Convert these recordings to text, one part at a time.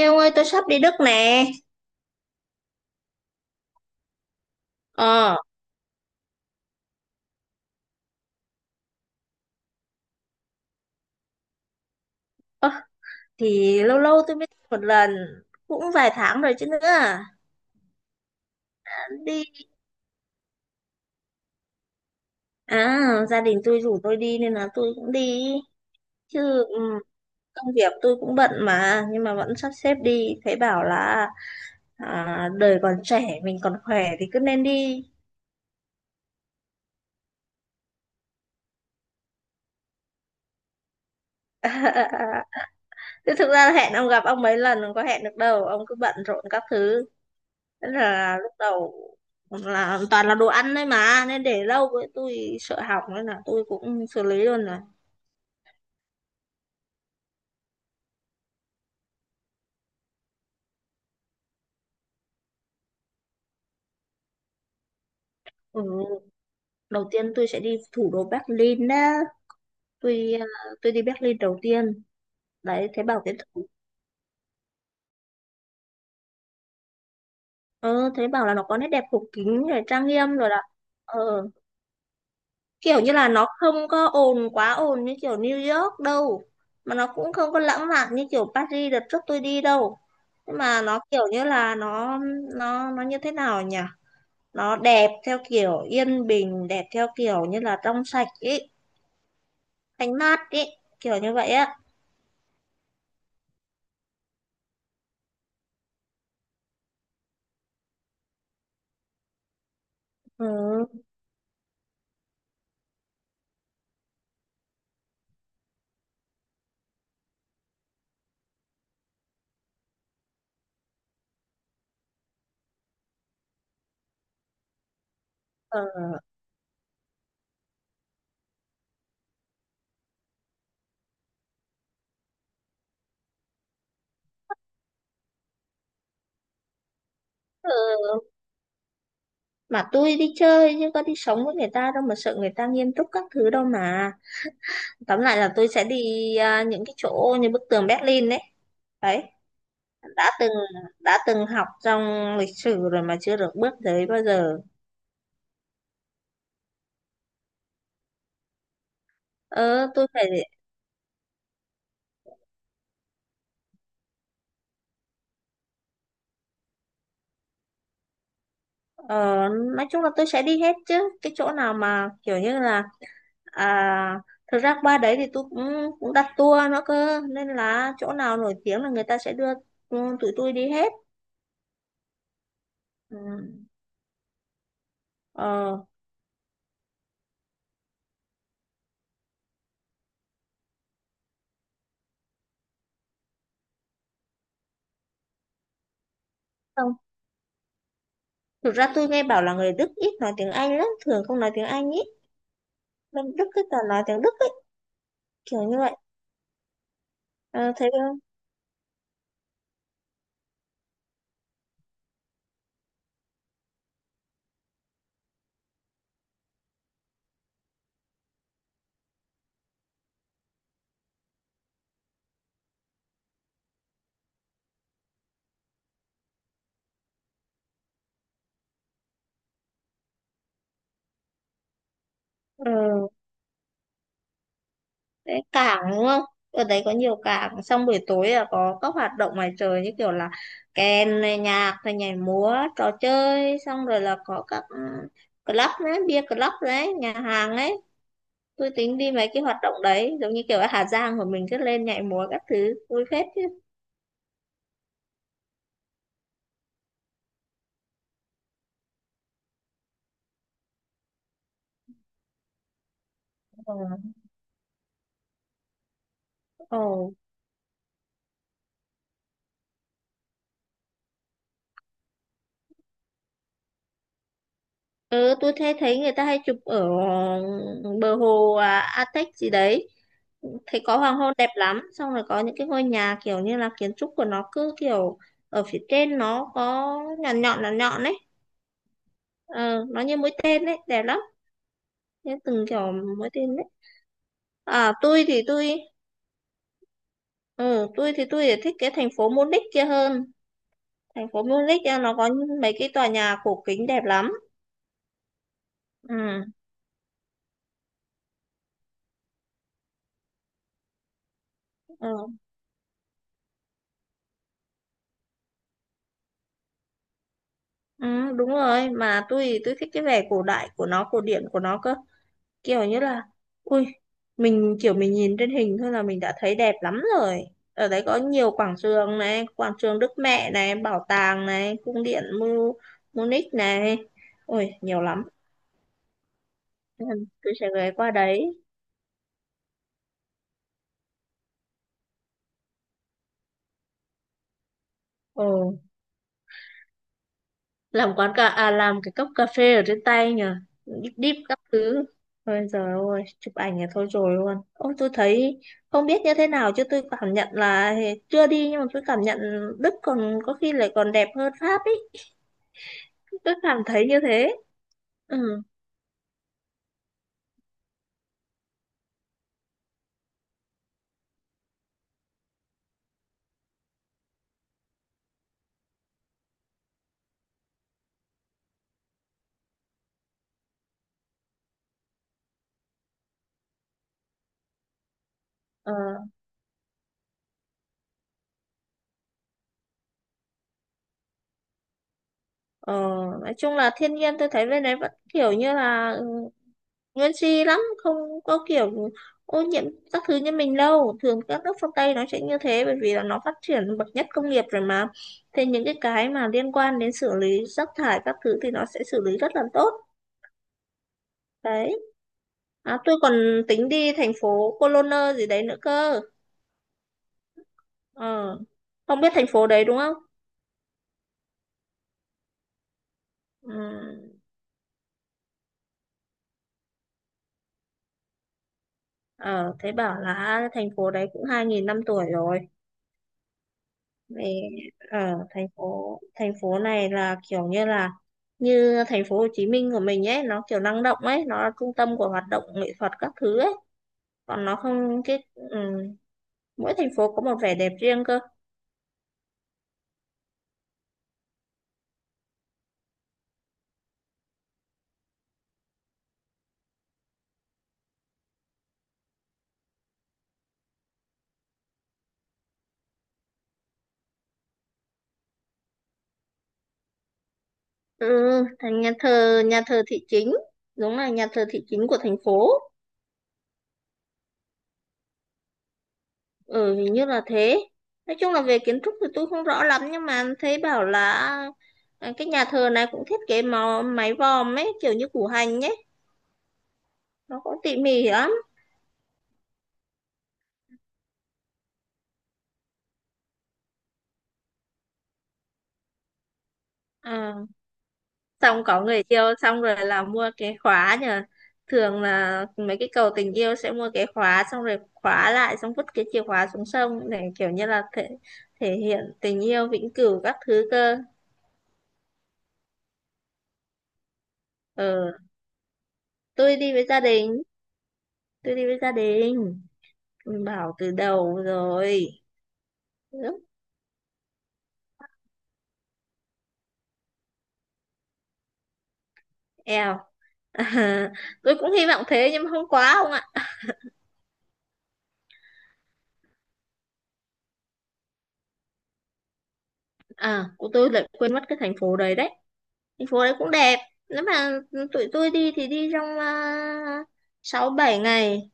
Ê ông ơi, tôi sắp đi Đức nè. Ờ. ơ, Thì lâu lâu tôi mới đi một lần. Cũng vài tháng rồi chứ nữa. Đi À, gia đình tôi rủ tôi đi. Nên là tôi cũng đi. Chứ ừ, công việc tôi cũng bận mà. Nhưng mà vẫn sắp xếp đi. Thấy bảo là à, đời còn trẻ, mình còn khỏe thì cứ nên đi. Chứ thực ra hẹn ông, gặp ông mấy lần không có hẹn được đâu, ông cứ bận rộn các thứ. Thế là lúc đầu là toàn là đồ ăn đấy mà, nên để lâu với tôi sợ hỏng, nên là tôi cũng xử lý luôn rồi. Ừ. Đầu tiên tôi sẽ đi thủ đô Berlin đó, tôi à, tôi đi Berlin đầu tiên đấy. Thấy bảo thấy bảo là nó có nét đẹp cổ kính rồi trang nghiêm rồi đó. Ờ, kiểu như là nó không có ồn, quá ồn như kiểu New York đâu, mà nó cũng không có lãng mạn như kiểu Paris đợt trước tôi đi đâu. Nhưng mà nó kiểu như là nó như thế nào nhỉ, nó đẹp theo kiểu yên bình, đẹp theo kiểu như là trong sạch ý, thanh mát ý, kiểu như vậy á. Ừ, ờ, ừ. Mà tôi đi chơi chứ có đi sống với người ta đâu mà sợ người ta nghiêm túc các thứ đâu mà. Tóm lại là tôi sẽ đi à, những cái chỗ như bức tường Berlin đấy. Đấy, đã từng, đã từng học trong lịch sử rồi mà chưa được bước tới bao giờ. Ờ tôi phải Ờ, nói chung là tôi sẽ đi hết chứ. Cái chỗ nào mà kiểu như là, à, thực ra qua đấy thì tôi cũng cũng đặt tour nữa cơ, nên là chỗ nào nổi tiếng là người ta sẽ đưa ừ, tụi tôi đi hết. Ừ. Ờ, không, thực ra tôi nghe bảo là người Đức ít nói tiếng Anh lắm, thường không nói tiếng Anh, ít. Bên Đức cứ toàn nói tiếng Đức ấy, kiểu như vậy. Ờ, thấy không. Ừ. Đấy, cảng đúng không, ở đấy có nhiều cảng, xong buổi tối là có các hoạt động ngoài trời, như kiểu là kèn này, nhạc này, nhảy múa, trò chơi, xong rồi là có các ừ, club đấy, bia club đấy, nhà hàng ấy. Tôi tính đi mấy cái hoạt động đấy, giống như kiểu ở Hà Giang của mình, cứ lên nhảy múa các thứ, vui phết chứ. Ừ. Ồ. Ừ, tôi thấy thấy người ta hay chụp ở bờ hồ à, Atec gì đấy, thấy có hoàng hôn đẹp lắm, xong rồi có những cái ngôi nhà kiểu như là kiến trúc của nó cứ kiểu ở phía trên nó có nhọn nhọn nhọn nhọn ấy. Ờ, nó như mũi tên ấy, đẹp lắm, như từng kiểu mũi tên ấy. À, tôi thì tôi ừ, tôi thì thích cái thành phố Munich kia hơn. Thành phố Munich à, nó có mấy cái tòa nhà cổ kính đẹp lắm. Ừ, ừ, ừ, đúng rồi. Mà tôi thích cái vẻ cổ đại của nó, cổ điển của nó cơ. Kiểu như là, ui, mình kiểu mình nhìn trên hình thôi là mình đã thấy đẹp lắm rồi. Ở đấy có nhiều quảng trường này, quảng trường Đức Mẹ này, bảo tàng này, cung điện Munich này. Ui, nhiều lắm. Ừ, tôi sẽ ghé qua đấy. Ừ. Làm cái cốc cà phê ở trên tay nhỉ, đíp đíp các thứ. Ôi giời ơi, chụp ảnh là thôi rồi luôn. Ôi tôi thấy, không biết như thế nào chứ tôi cảm nhận là, chưa đi nhưng mà tôi cảm nhận Đức còn có khi lại còn đẹp hơn Pháp ấy. Tôi cảm thấy như thế. Ừ. Ờ, ờ, nói chung là thiên nhiên tôi thấy bên đấy vẫn kiểu như là ừ, nguyên si lắm, không có kiểu ô nhiễm các thứ như mình đâu. Thường các nước phương Tây nó sẽ như thế, bởi vì là nó phát triển bậc nhất công nghiệp rồi mà. Thế những cái mà liên quan đến xử lý rác thải các thứ thì nó sẽ xử lý rất là tốt. Đấy. À, tôi còn tính đi thành phố Cologne gì đấy nữa cơ. Ờ, không biết thành phố đấy đúng không. Ừ. Ờ thế bảo là thành phố đấy cũng 2.000 năm tuổi rồi. Vì ở thành phố này là kiểu như là như thành phố Hồ Chí Minh của mình ấy, nó kiểu năng động ấy, nó là trung tâm của hoạt động nghệ thuật các thứ ấy, còn nó không cái ừ, mỗi thành phố có một vẻ đẹp riêng cơ. Ừ, thành nhà thờ thị chính, đúng là nhà thờ thị chính của thành phố. Ừ, hình như là thế. Nói chung là về kiến trúc thì tôi không rõ lắm, nhưng mà thấy bảo là à, cái nhà thờ này cũng thiết kế màu, mái vòm ấy kiểu như củ hành ấy, nó cũng tỉ mỉ lắm. À, xong có người yêu xong rồi là mua cái khóa nhờ, thường là mấy cái cầu tình yêu sẽ mua cái khóa xong rồi khóa lại, xong vứt cái chìa khóa xuống sông, để kiểu như là thể, thể hiện tình yêu vĩnh cửu các thứ cơ. Ờ, tôi đi với gia đình, tôi đi với gia đình. Tôi bảo từ đầu rồi. Ước. Eo. Tôi cũng hy vọng thế nhưng mà không, quá không ạ. À, của tôi lại quên mất cái thành phố đấy đấy. Thành phố đấy cũng đẹp. Nếu mà tụi tôi đi thì đi trong à, 6 7 ngày.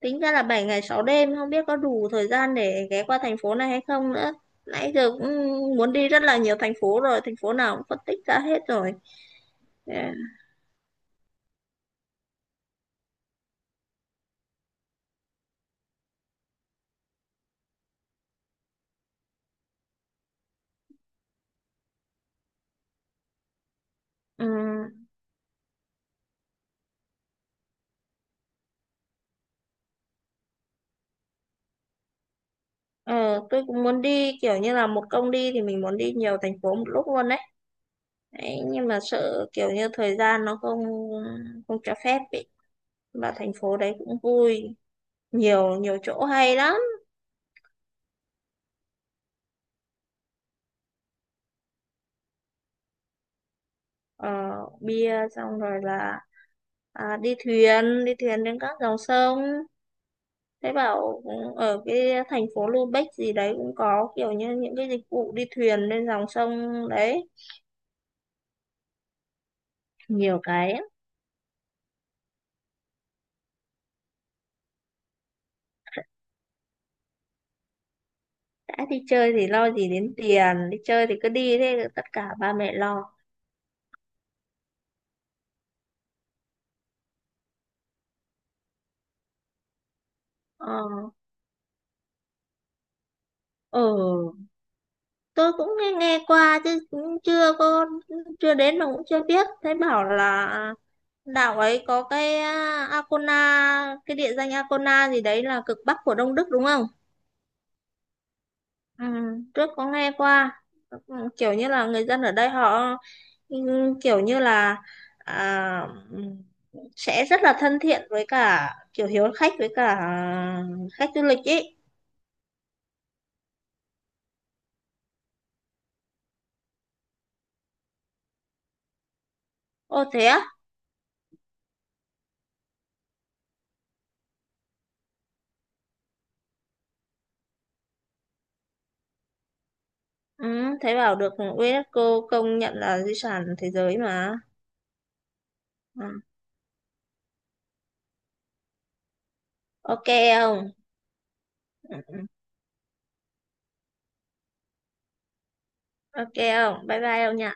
Tính ra là 7 ngày 6 đêm, không biết có đủ thời gian để ghé qua thành phố này hay không nữa. Nãy giờ cũng muốn đi rất là nhiều thành phố rồi, thành phố nào cũng phân tích ra hết rồi. Ờ. Ừm. Ờ, tôi cũng muốn đi kiểu như là một công đi thì mình muốn đi nhiều thành phố một lúc luôn đấy. Đấy, nhưng mà sợ kiểu như thời gian nó không, không cho phép ý. Mà thành phố đấy cũng vui, nhiều nhiều chỗ hay lắm. Ờ, bia xong rồi là à, đi thuyền trên các dòng sông. Thế bảo ừ, ở cái thành phố Lubeck gì đấy cũng có kiểu như những cái dịch vụ đi thuyền lên dòng sông đấy. Nhiều cái, lắm. Đã đi chơi thì lo gì đến tiền, đi chơi thì cứ đi, thế tất cả ba mẹ lo. Ờ, ừ, tôi cũng nghe qua chứ cũng chưa có, chưa đến mà cũng chưa biết. Thấy bảo là đảo ấy có cái à, Arkona, cái địa danh Arkona gì đấy là cực bắc của Đông Đức đúng không? Ừ, trước có nghe qua. Ừ, kiểu như là người dân ở đây họ ừ, kiểu như là à, ừ, sẽ rất là thân thiện với cả kiểu hiếu khách với cả khách du lịch ý. Ô thế á? Ừ, thế bảo được UNESCO công nhận là di sản thế giới mà. Ừ. Ok không? Ừ, ừ. Ok không? Bye bye ông nhỉ?